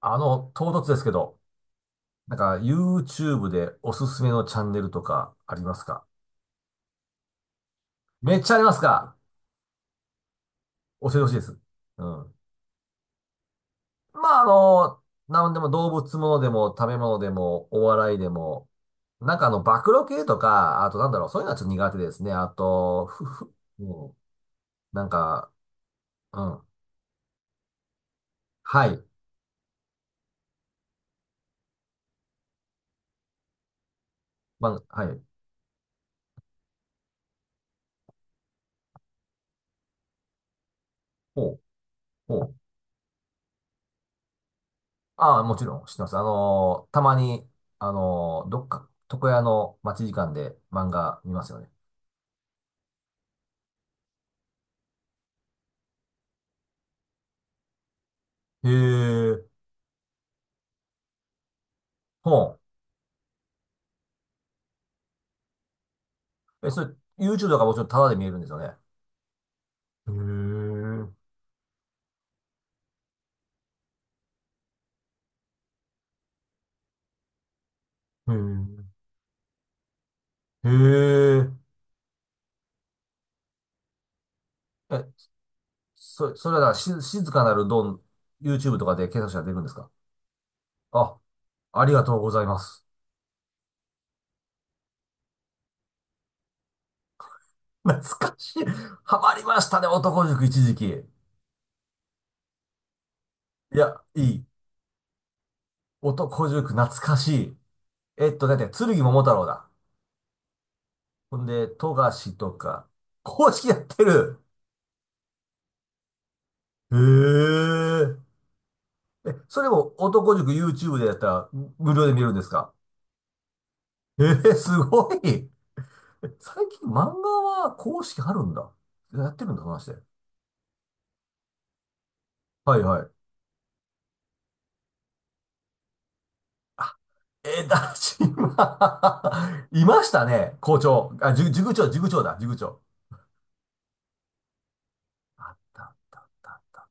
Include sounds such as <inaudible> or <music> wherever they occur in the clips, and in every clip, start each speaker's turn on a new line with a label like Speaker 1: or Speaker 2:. Speaker 1: 唐突ですけど、YouTube でおすすめのチャンネルとかありますか？めっちゃありますか？教えてほしいです。うん。まあ、なんでも動物ものでも食べ物でもお笑いでも、暴露系とか、あとなんだろう、そういうのはちょっと苦手ですね。あと、ふふ、うん。なんか、うん。はい。まあ、はい。ほう、ほう。ああ、もちろん知ってます。あの、たまに、あの、どっか、床屋の待ち時間で漫画見ますよね。へえ、ほう。え、それ、YouTube だからもちろんタダで見えるんですよね。へえ、へえ、へえ。え、それはだから静かなるドン、YouTube とかで検索したら出るんですか？あ、ありがとうございます。<laughs> 懐かしい。ハマりましたね、男塾一時期。いや、いい。男塾懐かしい。だって、剣桃太郎だ。ほんで、富樫とか、公式やってる。へえ。え、それも男塾 YouTube でやったら無料で見れるんですか？えー、すごい。最近漫画は公式あるんだ。やってるんだ、話で。はいはい。あ、えー、だし、<laughs> 今、いましたね。校長。あ、塾長。あったあったあった。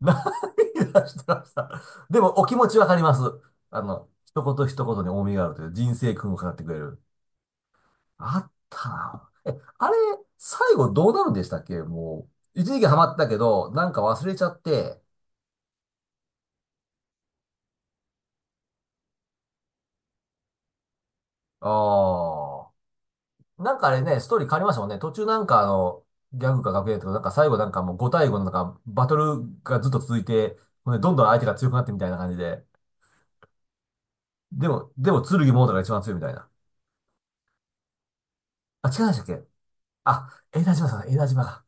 Speaker 1: 何出してました。でも、お気持ちわかります。一言一言に重みがあるという人生訓を語ってくれる。あったな。え、あれ、最後どうなるんでしたっけ？もう、一時期ハマったけど、なんか忘れちゃって、ああ、なんかあれね、ストーリー変わりましたもんね。途中、ギャグか学園とか、なんか最後なんかもう5対5のなんか、バトルがずっと続いて、ほんでどんどん相手が強くなってみたいな感じで。でも、剣モードが一番強いみたいな。あ、違いましたっけ？あ、江田島だ。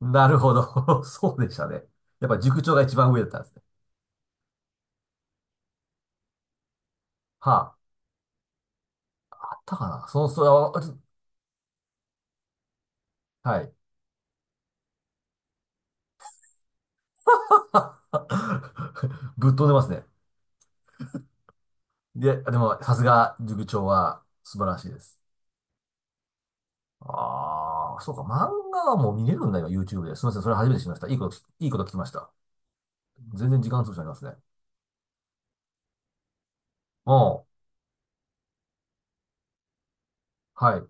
Speaker 1: なるほど。<laughs> そうでしたね。やっぱ塾長が一番上だったんですね。はあ、あったかなその、それは、あちょはい。<laughs> ぶっ飛んでますね。で、でも、さすが、塾長は素晴らしいです。ああ、そうか、漫画はもう見れるんだ、今、YouTube で。すみません、それ初めて知りました。いいこと聞きました。全然時間潰しになりますね。おう、はい、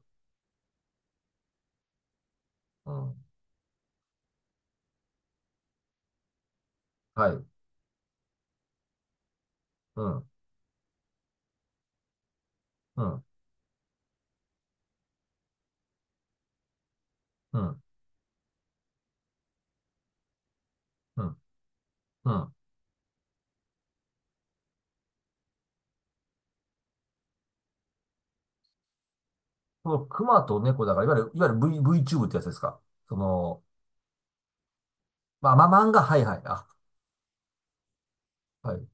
Speaker 1: うん、はい、うん、うん、うん、うん、うん。この熊と猫だから、いわゆる V、VTube ってやつですか？その、まあ、漫画、はいはい、あ、はい。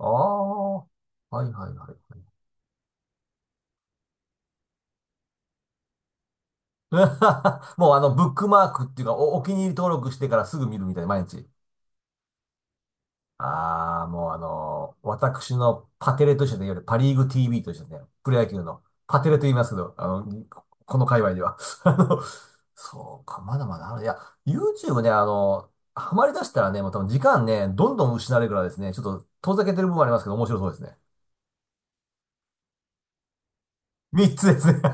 Speaker 1: ああ、はいはいはいはい。<laughs> もうあの、ブックマークっていうか、お気に入り登録してからすぐ見るみたいな、毎日。ああ、もうあのー私のパテレと一緒で、いわゆるパリーグ TV と一緒でね、プロ野球のパテレと言いますけど、この界隈では。<laughs> あの、そうか、まだまだある。いや、YouTube ね、ハマり出したらね、もう多分時間ね、どんどん失われるからですね、ちょっと遠ざけてる部分もありますけど、面白そうですね。3つですね。<laughs>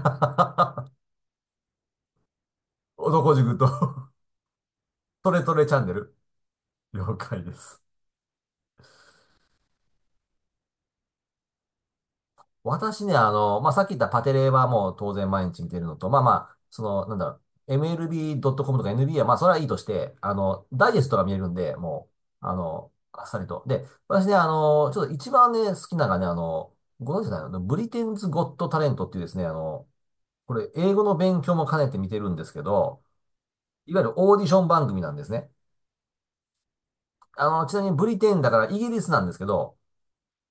Speaker 1: 男塾と <laughs> トレトレチャンネル。了解です。私ね、さっき言ったパテレはもう当然毎日見てるのと、MLB.com とか NBA はまあ、それはいいとして、ダイジェストが見えるんで、もう、あっさりと。で、私ね、ちょっと一番ね、好きなのがね、ご存知じゃないのブリテンズ・ゴット・タレントっていうですね、これ、英語の勉強も兼ねて見てるんですけど、いわゆるオーディション番組なんですね。ちなみにブリテンだからイギリスなんですけど、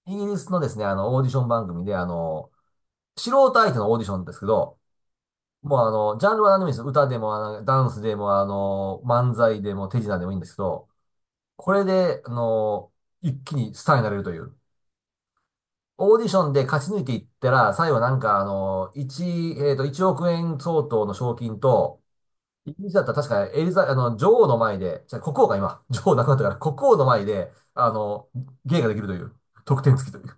Speaker 1: イギリスのですね、オーディション番組で、素人相手のオーディションですけど、もうあの、ジャンルは何でもいいんですよ。歌でも、ダンスでも、漫才でも、手品でもいいんですけど、これで、一気にスターになれるという。オーディションで勝ち抜いていったら、最後なんかあの、1、えっと、1億円相当の賞金と、イギリスだったら確かエリザ、あの、女王の前で、じゃあ国王が今、女王亡くなったから、国王の前で、芸ができるという、得点付きという。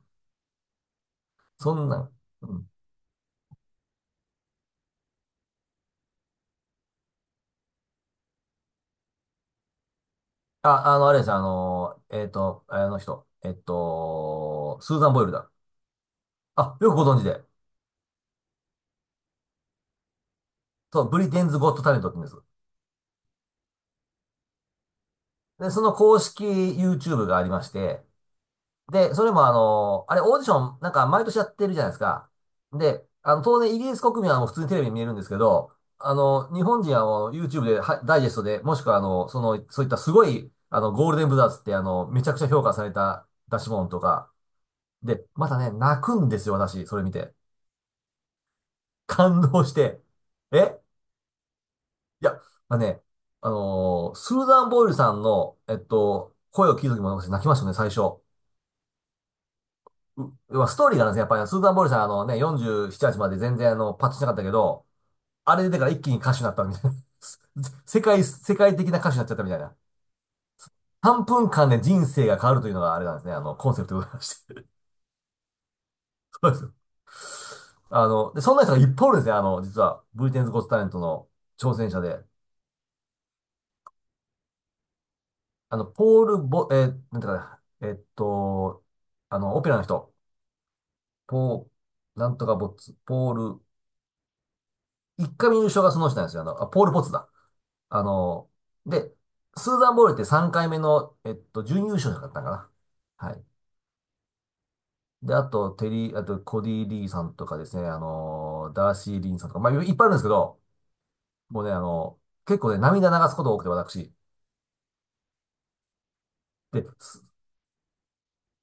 Speaker 1: そんなん、うん。あ、あの、あれですよ、あの、えっと、あの人、えっと、スーザン・ボイルだ。あ、よくご存知で。そう、ブリテンズ・ゴット・タレントって言うんです。で、その公式 YouTube がありまして、で、それもあれオーディションなんか毎年やってるじゃないですか。で、当然イギリス国民はもう普通にテレビに見えるんですけど、日本人はもう YouTube ではダイジェストで、もしくはそういったすごい、ゴールデンブザーズってめちゃくちゃ評価された出し物とか、で、またね、泣くんですよ、私、それ見て。感動して。え、いや、まあね、スーザン・ボイルさんの、声を聞いた時も私泣きましたね、最初。う、まあ、ストーリーがあるんですね、やっぱり、スーザン・ボイルさん、あのね、47、8まで全然パッとしなかったけど、あれ出てから一気に歌手になったみたいな。<laughs> 世界的な歌手になっちゃったみたいな。3分間で人生が変わるというのがあれなんですね、コンセプトでございまして。<laughs> そうです。で、そんな人がいっぱいおるんですね、実は、ブリテンズ・ゴット・タレントの挑戦者で。あの、ポール・ボ、えーなんていうかな、えっと、あの、オペラの人、ポー、なんとかボッツ、ポール、一回目優勝がその人なんですよ。あの、ポール・ボッツだ。あの、で、スーザン・ボールって3回目の、準優勝者だったかな。はい。で、あと、テリー、あと、コディ・リーさんとかですね、ダーシー・リンさんとか、まあ、いっぱいあるんですけど、もうね、結構ね、涙流すことが多くて、私。で、ス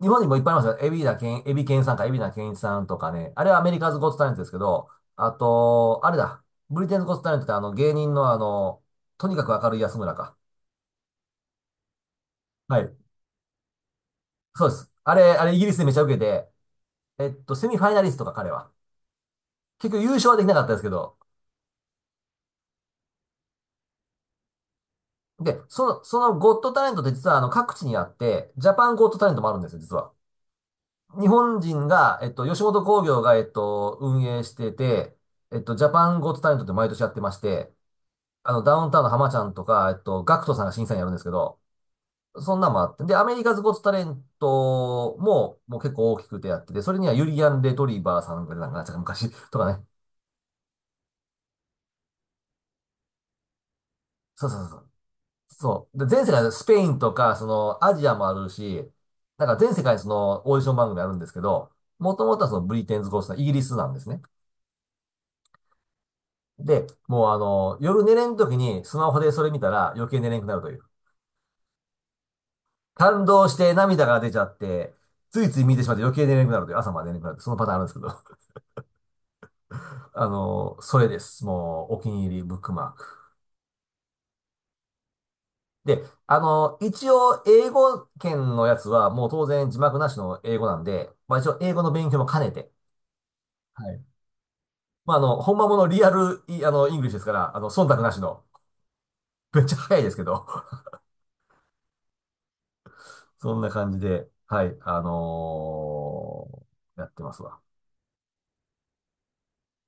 Speaker 1: 日本にもいっぱいありますよ。エビケンさんか、エビナケンイチさんとかね。あれはアメリカズ・ゴット・タレントですけど、あと、あれだ。ブリテンズ・ゴット・タレントってあの芸人のあの、とにかく明るい安村か。はい。そうです。あれイギリスでめちゃ受けて、セミファイナリストか彼は。結局優勝はできなかったですけど。で、その、そのゴット・タレントって実はあの各地にあって、ジャパンゴット・タレントもあるんですよ、実は。日本人が、吉本興業が、運営してて、ジャパンゴット・タレントって毎年やってまして、ダウンタウンの浜ちゃんとか、ガクトさんが審査員やるんですけど、そんなんもあって。で、アメリカズゴッツタレントも、もう結構大きくてやってて、それにはユリアン・レトリバーさんがなんか、なんか昔とかね。そうそうそうそう。そう。で、全世界でスペインとか、その、アジアもあるし、なんか全世界にその、オーディション番組あるんですけど、もともとはその、ブリテンズ・ゴッツさん、イギリスなんですね。で、もうあの、夜寝れん時にスマホでそれ見たら余計寝れんくなるという。感動して涙が出ちゃって、ついつい見てしまって余計寝れなくなるという、朝まで寝れなくなるというそのパターンあるんですけど。<laughs> それです。もう、お気に入りブックマーク。で、あの、一応、英語圏のやつは、もう当然字幕なしの英語なんで、まあ一応、英語の勉強も兼ねて、はい。まああの、本んまものリアル、いあの、イングリッシュですから、忖度なしの、めっちゃ早いですけど、<laughs> そんな感じで、はい、やってますわ。